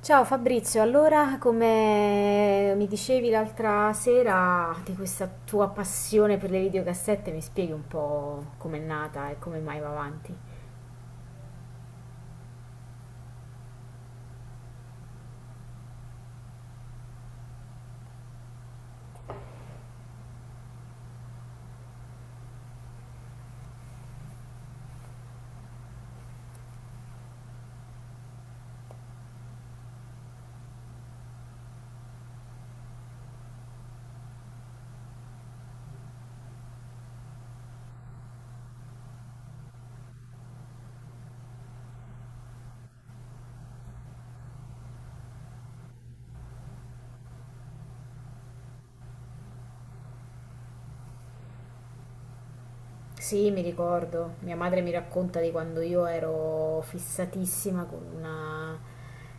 Ciao Fabrizio, allora come mi dicevi l'altra sera di questa tua passione per le videocassette, mi spieghi un po' com'è nata e come mai va avanti? Sì, mi ricordo, mia madre mi racconta di quando io ero fissatissima con una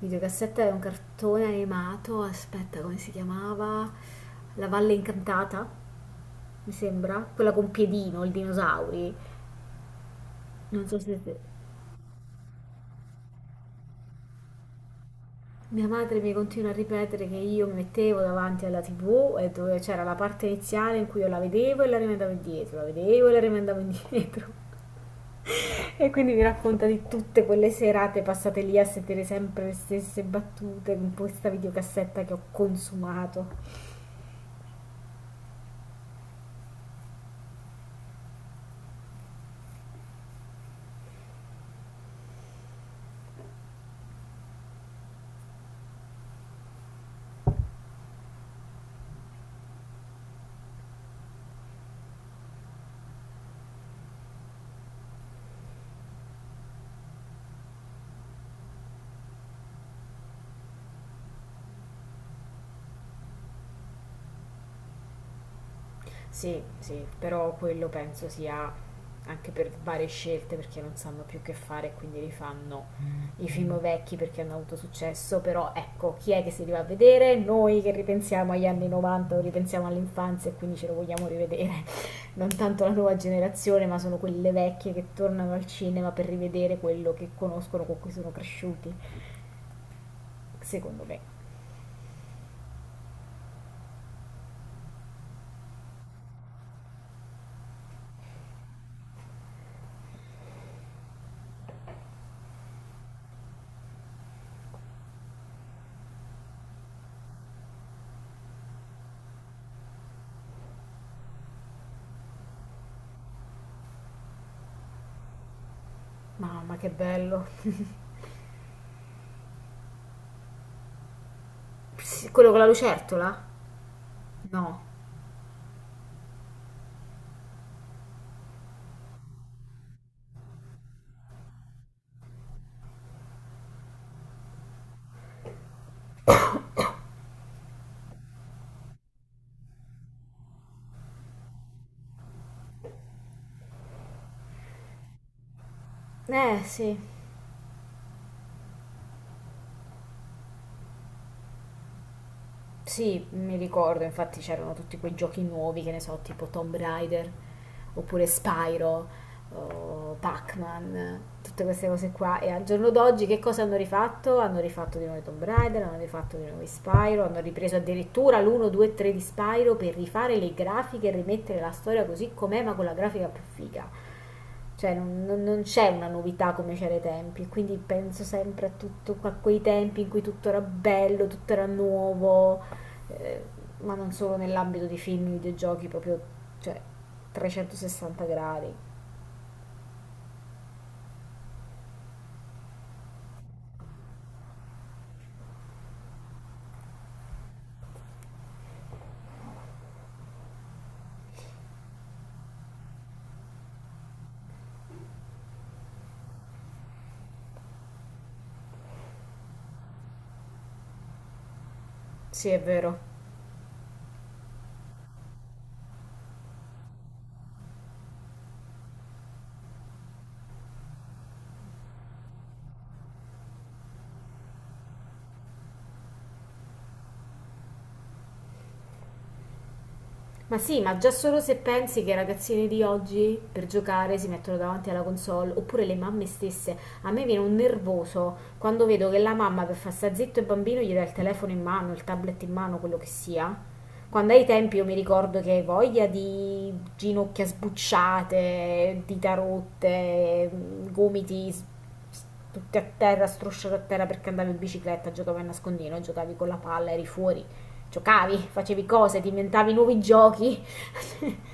videocassetta di un cartone animato, aspetta come si chiamava? La Valle Incantata, mi sembra, quella con Piedino, il dinosauri. Non so se. Mia madre mi continua a ripetere che io mi mettevo davanti alla TV e dove c'era la parte iniziale in cui io la vedevo e la rimandavo indietro, la vedevo e la rimandavo indietro. E quindi mi racconta di tutte quelle serate passate lì a sentire sempre le stesse battute con questa videocassetta che ho consumato. Sì, sì, però quello penso sia anche per varie scelte perché non sanno più che fare e quindi rifanno i film vecchi perché hanno avuto successo, però ecco, chi è che si li va a vedere? Noi che ripensiamo agli anni 90 o ripensiamo all'infanzia e quindi ce lo vogliamo rivedere, non tanto la nuova generazione, ma sono quelle vecchie che tornano al cinema per rivedere quello che conoscono, con cui sono cresciuti, secondo me. Mamma che bello. Sì, quello con la lucertola? No. Eh sì. Sì, mi ricordo, infatti c'erano tutti quei giochi nuovi, che ne so, tipo Tomb Raider, oppure Spyro, o Pac-Man, tutte queste cose qua. E al giorno d'oggi che cosa hanno rifatto? Hanno rifatto di nuovo i Tomb Raider, hanno rifatto di nuovo i Spyro, hanno ripreso addirittura l'1, 2, 3 di Spyro per rifare le grafiche e rimettere la storia così com'è, ma con la grafica più figa. Cioè non c'è una novità come c'era ai tempi, quindi penso sempre a, tutto, a quei tempi in cui tutto era bello, tutto era nuovo, eh, ma non solo nell'ambito dei film, videogiochi, proprio cioè, 360 gradi. Sì, è vero. Ma sì, ma già solo se pensi che i ragazzini di oggi per giocare si mettono davanti alla console, oppure le mamme stesse, a me viene un nervoso quando vedo che la mamma per far sta zitto il bambino gli dà il telefono in mano, il tablet in mano, quello che sia. Quando ai tempi io mi ricordo che voglia di ginocchia sbucciate, dita rotte, gomiti s- tutti a terra, strusciati a terra perché andavi in bicicletta, giocavi a nascondino, giocavi con la palla, eri fuori. Giocavi, facevi cose, diventavi nuovi giochi.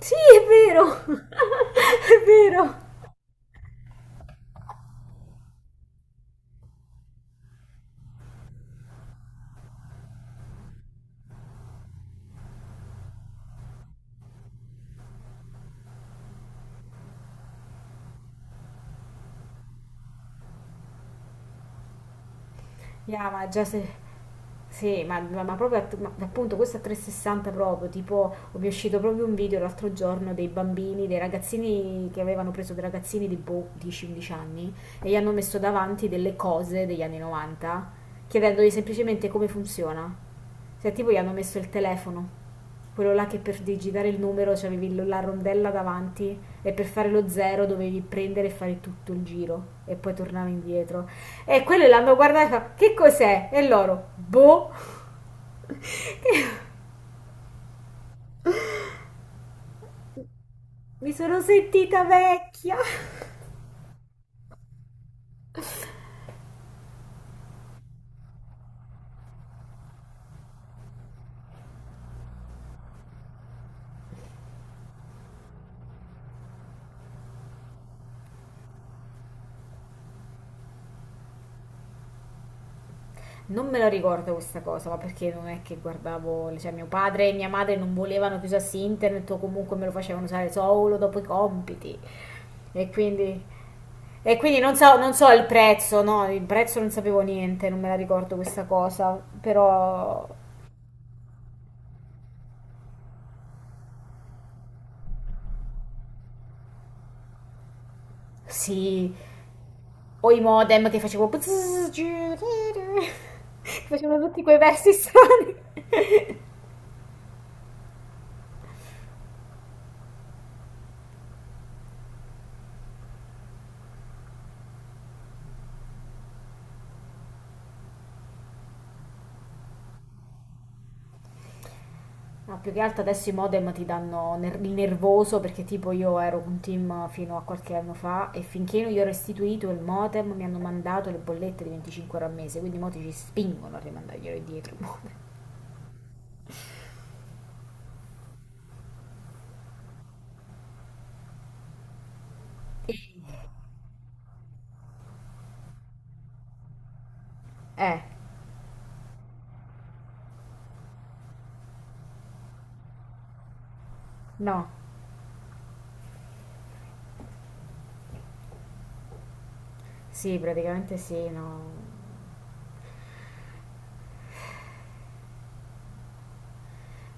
Sì, è vero, è vero. Yeah, ma già se. Sì, ma, ma proprio appunto questo a 360 proprio, tipo mi è uscito proprio un video l'altro giorno dei bambini, dei ragazzini che avevano preso dei ragazzini di boh, 10-11 anni e gli hanno messo davanti delle cose degli anni 90 chiedendogli semplicemente come funziona. Cioè tipo gli hanno messo il telefono. Quello là che per digitare il numero c'avevi la rondella davanti e per fare lo zero dovevi prendere e fare tutto il giro e poi tornavi indietro. E quello l'hanno guardato e fa, che cos'è? E loro, boh. Mi sono sentita vecchia. Non me la ricordo questa cosa, ma perché non è che guardavo, cioè mio padre e mia madre non volevano che usassi internet o comunque me lo facevano usare solo dopo i compiti. E quindi, e quindi non so, non so il prezzo, no, il prezzo non sapevo niente, non me la ricordo questa cosa, però sì, o i modem che facevano tutti quei versi strani. No, più che altro adesso i modem ti danno il nervoso perché tipo io ero un team fino a qualche anno fa e finché non gli ho restituito il modem mi hanno mandato le bollette di 25 euro al mese, quindi i moti ci spingono a rimandarglielo indietro. Eh, no. Sì, praticamente sì, no.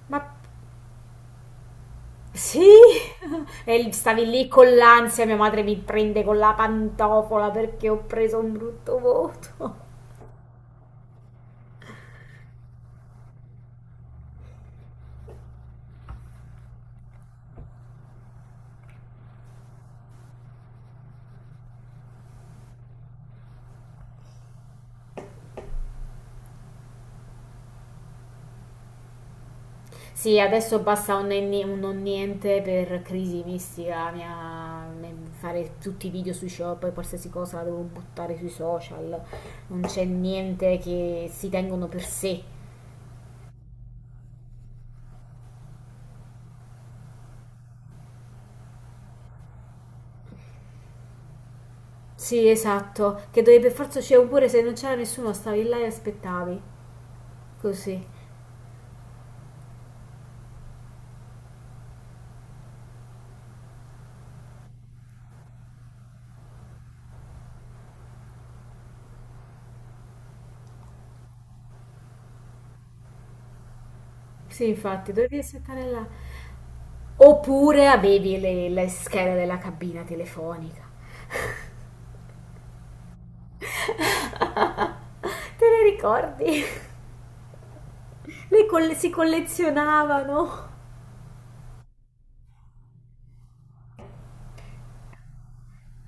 Ma sì! E stavi lì con l'ansia, mia madre mi prende con la pantofola perché ho preso un brutto voto. Sì, adesso basta un non niente per crisi mistica, fare tutti i video sui shop e qualsiasi cosa la devo buttare sui social. Non c'è niente che si tengono per sé. Sì, esatto, che dovevi per forza uscire oppure se non c'era nessuno stavi là e aspettavi. Così. Sì, infatti, dovevi aspettare là. Oppure avevi le schede della cabina telefonica. Te le ricordi? Si collezionavano.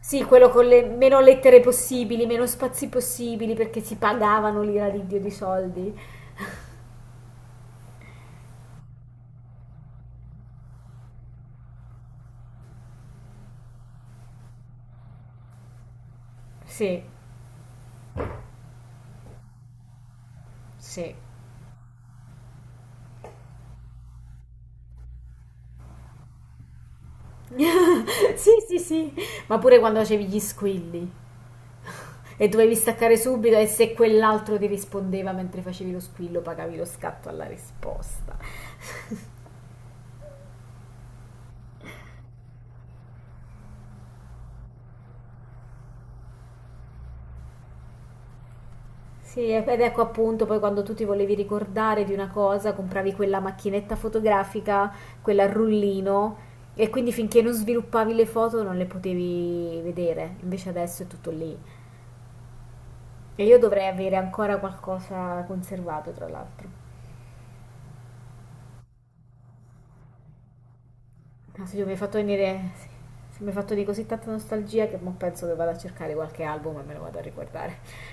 Sì, quello con le meno lettere possibili, meno spazi possibili, perché si pagavano l'ira di Dio di soldi. Sì, sì. Sì, sì, sì. Ma pure quando facevi gli squilli. E dovevi staccare subito e se quell'altro ti rispondeva mentre facevi lo squillo, pagavi lo scatto alla risposta. Sì, ed ecco appunto poi quando tu ti volevi ricordare di una cosa, compravi quella macchinetta fotografica, quella a rullino, e quindi finché non sviluppavi le foto non le potevi vedere. Invece adesso è tutto lì. E io dovrei avere ancora qualcosa conservato, tra l'altro. Adesso io mi hai fatto venire, sì, mi hai fatto di così tanta nostalgia che mo penso che vado a cercare qualche album e me lo vado a ricordare.